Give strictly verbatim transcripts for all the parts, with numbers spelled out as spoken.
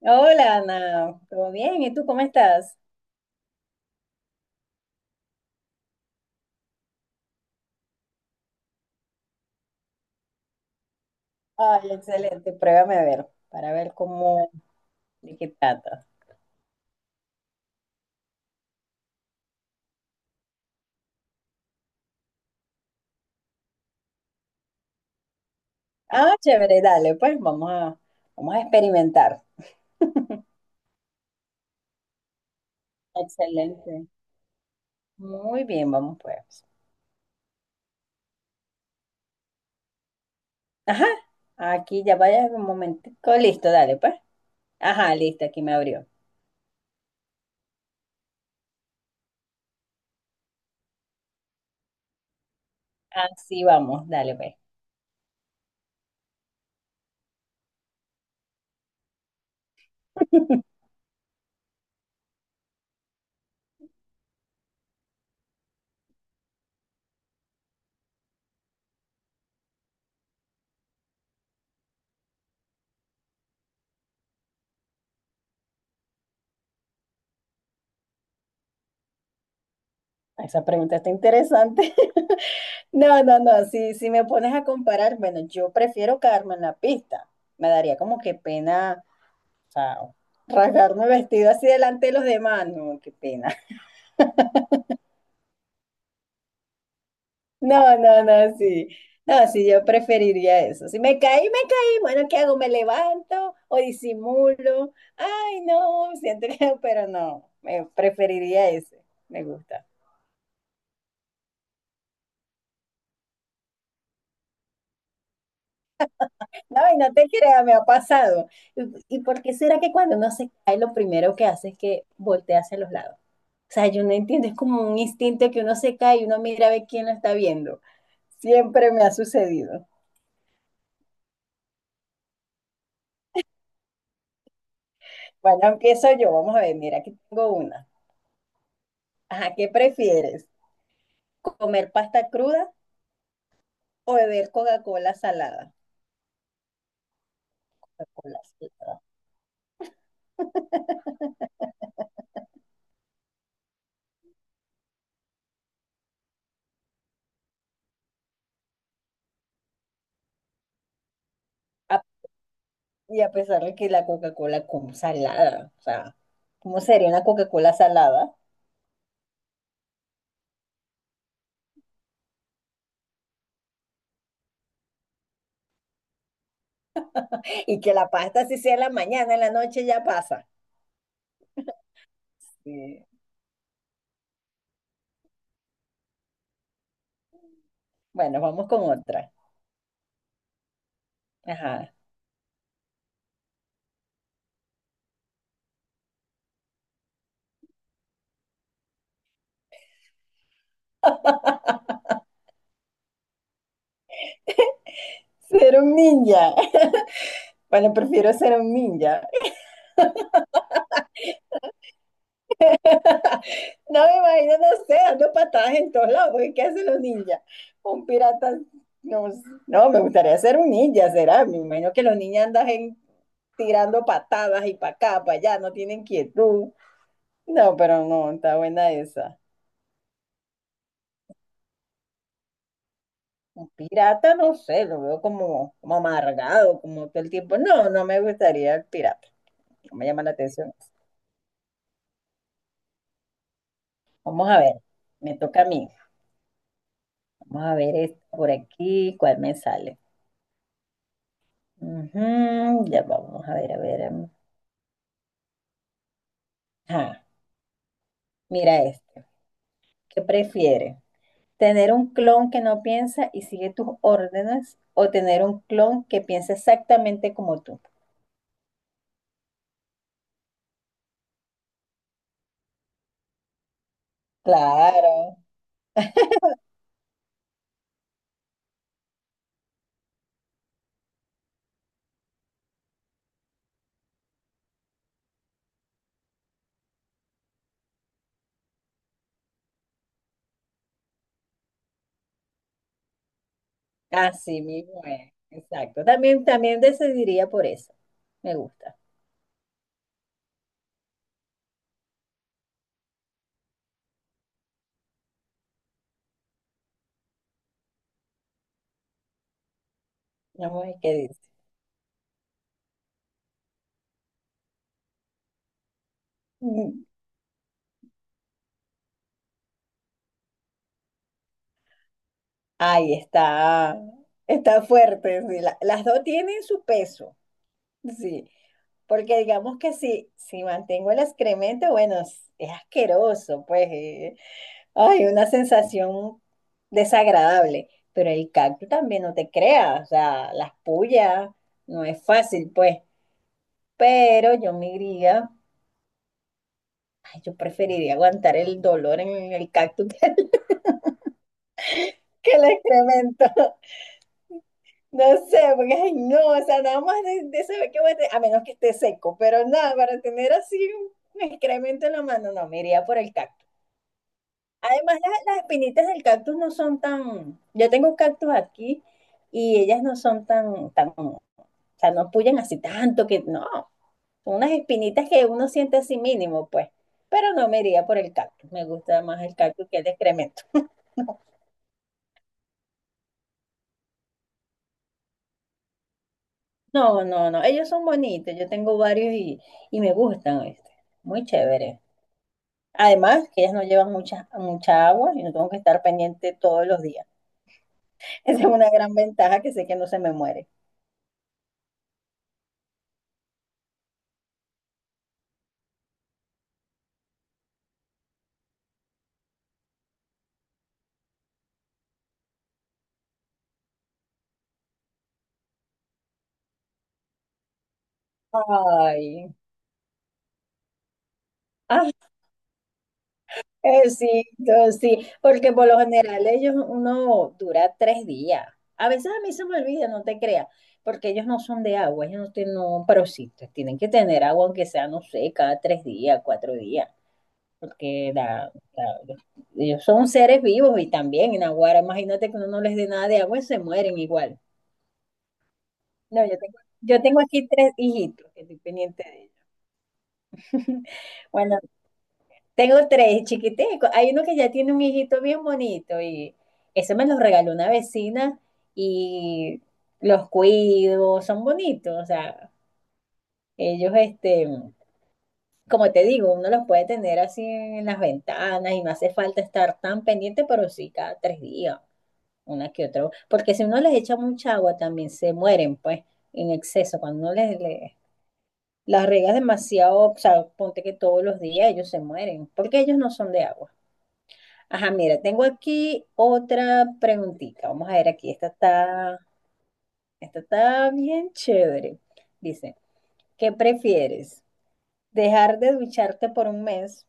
Hola Ana, ¿todo bien? ¿Y tú cómo estás? Ay, excelente, pruébame a ver, para ver cómo, de qué trata. Ah, chévere, dale, pues vamos a, vamos a experimentar. Excelente. Muy bien, vamos pues. Ajá, aquí ya vaya un momentico, listo, dale pues. Ajá, listo, aquí me abrió. Así vamos, dale pues. Esa pregunta está interesante. No, no, no, si, si me pones a comparar, bueno, yo prefiero quedarme en la pista. Me daría como que pena. O sea, rasgarme vestido así delante de los demás, no, qué pena. No, no, no, sí. No, sí, yo preferiría eso. Si me caí, me caí. Bueno, ¿qué hago? ¿Me levanto o disimulo? Ay, no, siento que, pero no, me preferiría ese. Me gusta. No, y no te creas, me ha pasado. ¿Y, y por qué será que cuando uno se cae, lo primero que hace es que voltea hacia los lados? O sea, yo no entiendo, es como un instinto que uno se cae y uno mira a ver quién lo está viendo. Siempre me ha sucedido. Bueno, empiezo yo. Vamos a ver, mira, aquí tengo una. Ajá, ¿qué prefieres? ¿Comer pasta cruda o beber Coca-Cola salada? Coca-Cola salada. A- Y a pesar de que la Coca-Cola como salada, o sea, ¿cómo sería una Coca-Cola salada? Y que la pasta si sea en la mañana, en la noche ya pasa. Sí. Bueno, vamos con otra. Ajá. Ser un ninja. Bueno, prefiero ser un ninja. No me imagino, no sé, dando patadas en todos lados, porque ¿qué hacen los ninjas? Un pirata, no, s- no, me gustaría ser un ninja, será, me imagino que los ninjas andan en- tirando patadas y para acá, para allá, no tienen quietud. No, pero no, está buena esa. Un pirata, no sé, lo veo como, como, amargado, como todo el tiempo. No, no me gustaría el pirata, no me llama la atención eso. Vamos a ver, me toca a mí. Vamos a ver esto por aquí, cuál me sale. Ujú, ya vamos a ver, a ver. Ajá, mira este. ¿Qué prefiere? ¿Tener un clon que no piensa y sigue tus órdenes o tener un clon que piensa exactamente como tú? Claro, así mismo es. Exacto. También, también decidiría por eso. Me gusta. Vamos a ver qué dice. Mm. Ay, está, está, fuerte. Sí. La- las dos tienen su peso. Sí. Porque digamos que si, si mantengo el excremento, bueno, es es asqueroso, pues. eh, Ay, una sensación desagradable, pero el cactus también no te creas, o sea, las puyas, no es fácil, pues, pero yo me diría, ay, yo preferiría aguantar el dolor en el cactus que el, que el, excremento, no sé, porque, ay, no, o sea, nada más de, de saber que voy a tener, a menos que esté seco, pero nada, para tener así un excremento en la mano, no, me iría por el cactus. Además, la- las espinitas del cactus no son tan. Yo tengo un cactus aquí y ellas no son tan, tan, o sea, no pullan así tanto que no. Son unas espinitas que uno siente así mínimo, pues. Pero no me iría por el cactus. Me gusta más el cactus que el excremento. No, no, no. Ellos son bonitos. Yo tengo varios y, y me gustan, ¿viste? Muy chévere. Además, que ellas no llevan mucha, mucha agua y no tengo que estar pendiente todos los días. Esa es una gran ventaja que sé que no se me muere. Ay. Ajá, exacto, sí, porque por lo general ellos uno dura tres días. A veces a mí se me olvida, no te creas, porque ellos no son de agua, ellos no tienen, no, pero sí, te- tienen que tener agua aunque sea, no sé, cada tres días, cuatro días, porque la- la- ellos son seres vivos y también en Aguara, imagínate que uno no les dé nada de agua y se mueren igual. No, yo tengo, yo tengo aquí tres hijitos que estoy pendiente de ellos. Tengo tres chiquiticos. Hay uno que ya tiene un hijito bien bonito y ese me los regaló una vecina y los cuido, son bonitos. O sea, ellos, este, como te digo, uno los puede tener así en las ventanas y no hace falta estar tan pendiente, pero sí cada tres días, una que otra. Porque si uno les echa mucha agua también se mueren, pues, en exceso. Cuando uno les, les- las regas demasiado, o sea, ponte que todos los días ellos se mueren, porque ellos no son de agua. Ajá, mira, tengo aquí otra preguntita. Vamos a ver aquí. Esta está, esta está bien chévere. Dice, ¿qué prefieres? ¿Dejar de ducharte por un mes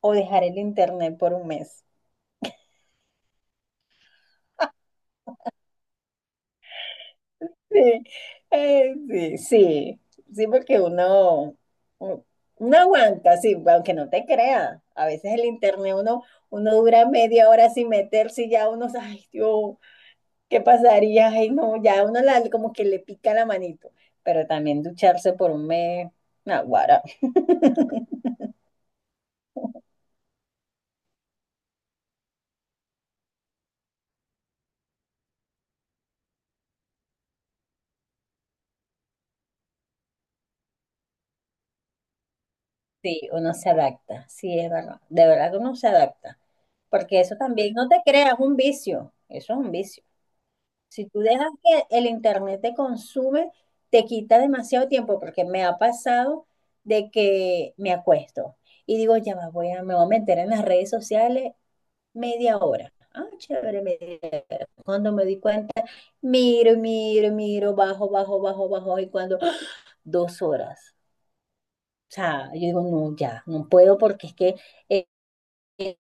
o dejar el internet por un mes? Sí, eh, sí, sí, sí, porque uno, u- uno aguanta, sí, aunque no te crea. A veces el internet uno, uno dura media hora sin meterse y ya uno, ay, Dios, ¿qué pasaría? Ay, no, ya uno la, como que le pica la manito, pero también ducharse por un mes, naguará. Sí, uno se adapta, sí, es verdad. De verdad que uno se adapta, porque eso también, no te creas, es un vicio, eso es un vicio. Si tú dejas que el internet te consume, te quita demasiado tiempo, porque me ha pasado de que me acuesto y digo, ya va, voy a, me voy a meter en las redes sociales media hora. Ah, chévere, media hora. Cuando me di cuenta, miro, miro, miro, bajo, bajo, bajo, bajo, y cuando ¡ah! Dos horas. O sea, yo digo, no, ya, no puedo porque es que eh, eh,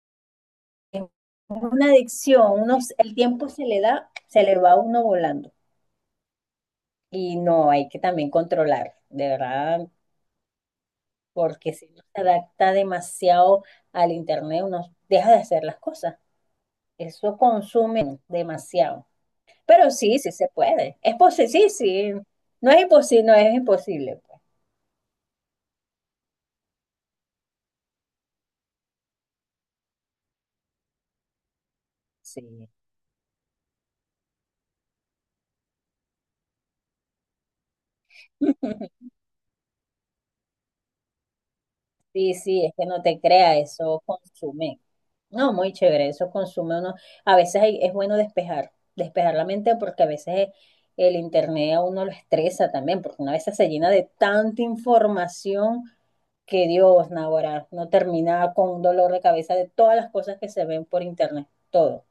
es una adicción, uno, el tiempo se le da, se le va a uno volando. Y no, hay que también controlar, de verdad, porque si uno se adapta demasiado al internet, uno deja de hacer las cosas. Eso consume demasiado. Pero sí, sí se puede. Es posible, sí, sí. No es imposible, no es imposible, pues. Sí. Sí, sí, es que no te crea, eso consume. No, muy chévere, eso consume uno. A veces hay- es bueno despejar, despejar, la mente porque a veces el internet a uno lo estresa también, porque una vez se llena de tanta información que Dios, naguará, no termina con un dolor de cabeza de todas las cosas que se ven por internet, todo.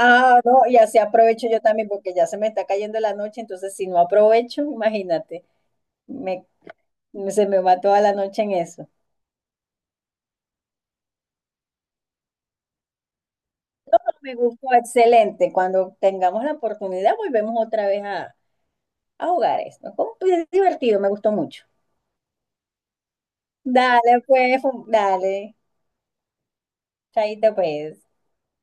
Ah, no, y así aprovecho yo también porque ya se me está cayendo la noche, entonces si no aprovecho, imagínate, me, se me va toda la noche en eso. Me gustó, excelente. Cuando tengamos la oportunidad, volvemos otra vez a, a, jugar esto. Fue muy divertido, me gustó mucho. Dale, pues, fu- dale. Chaito, pues.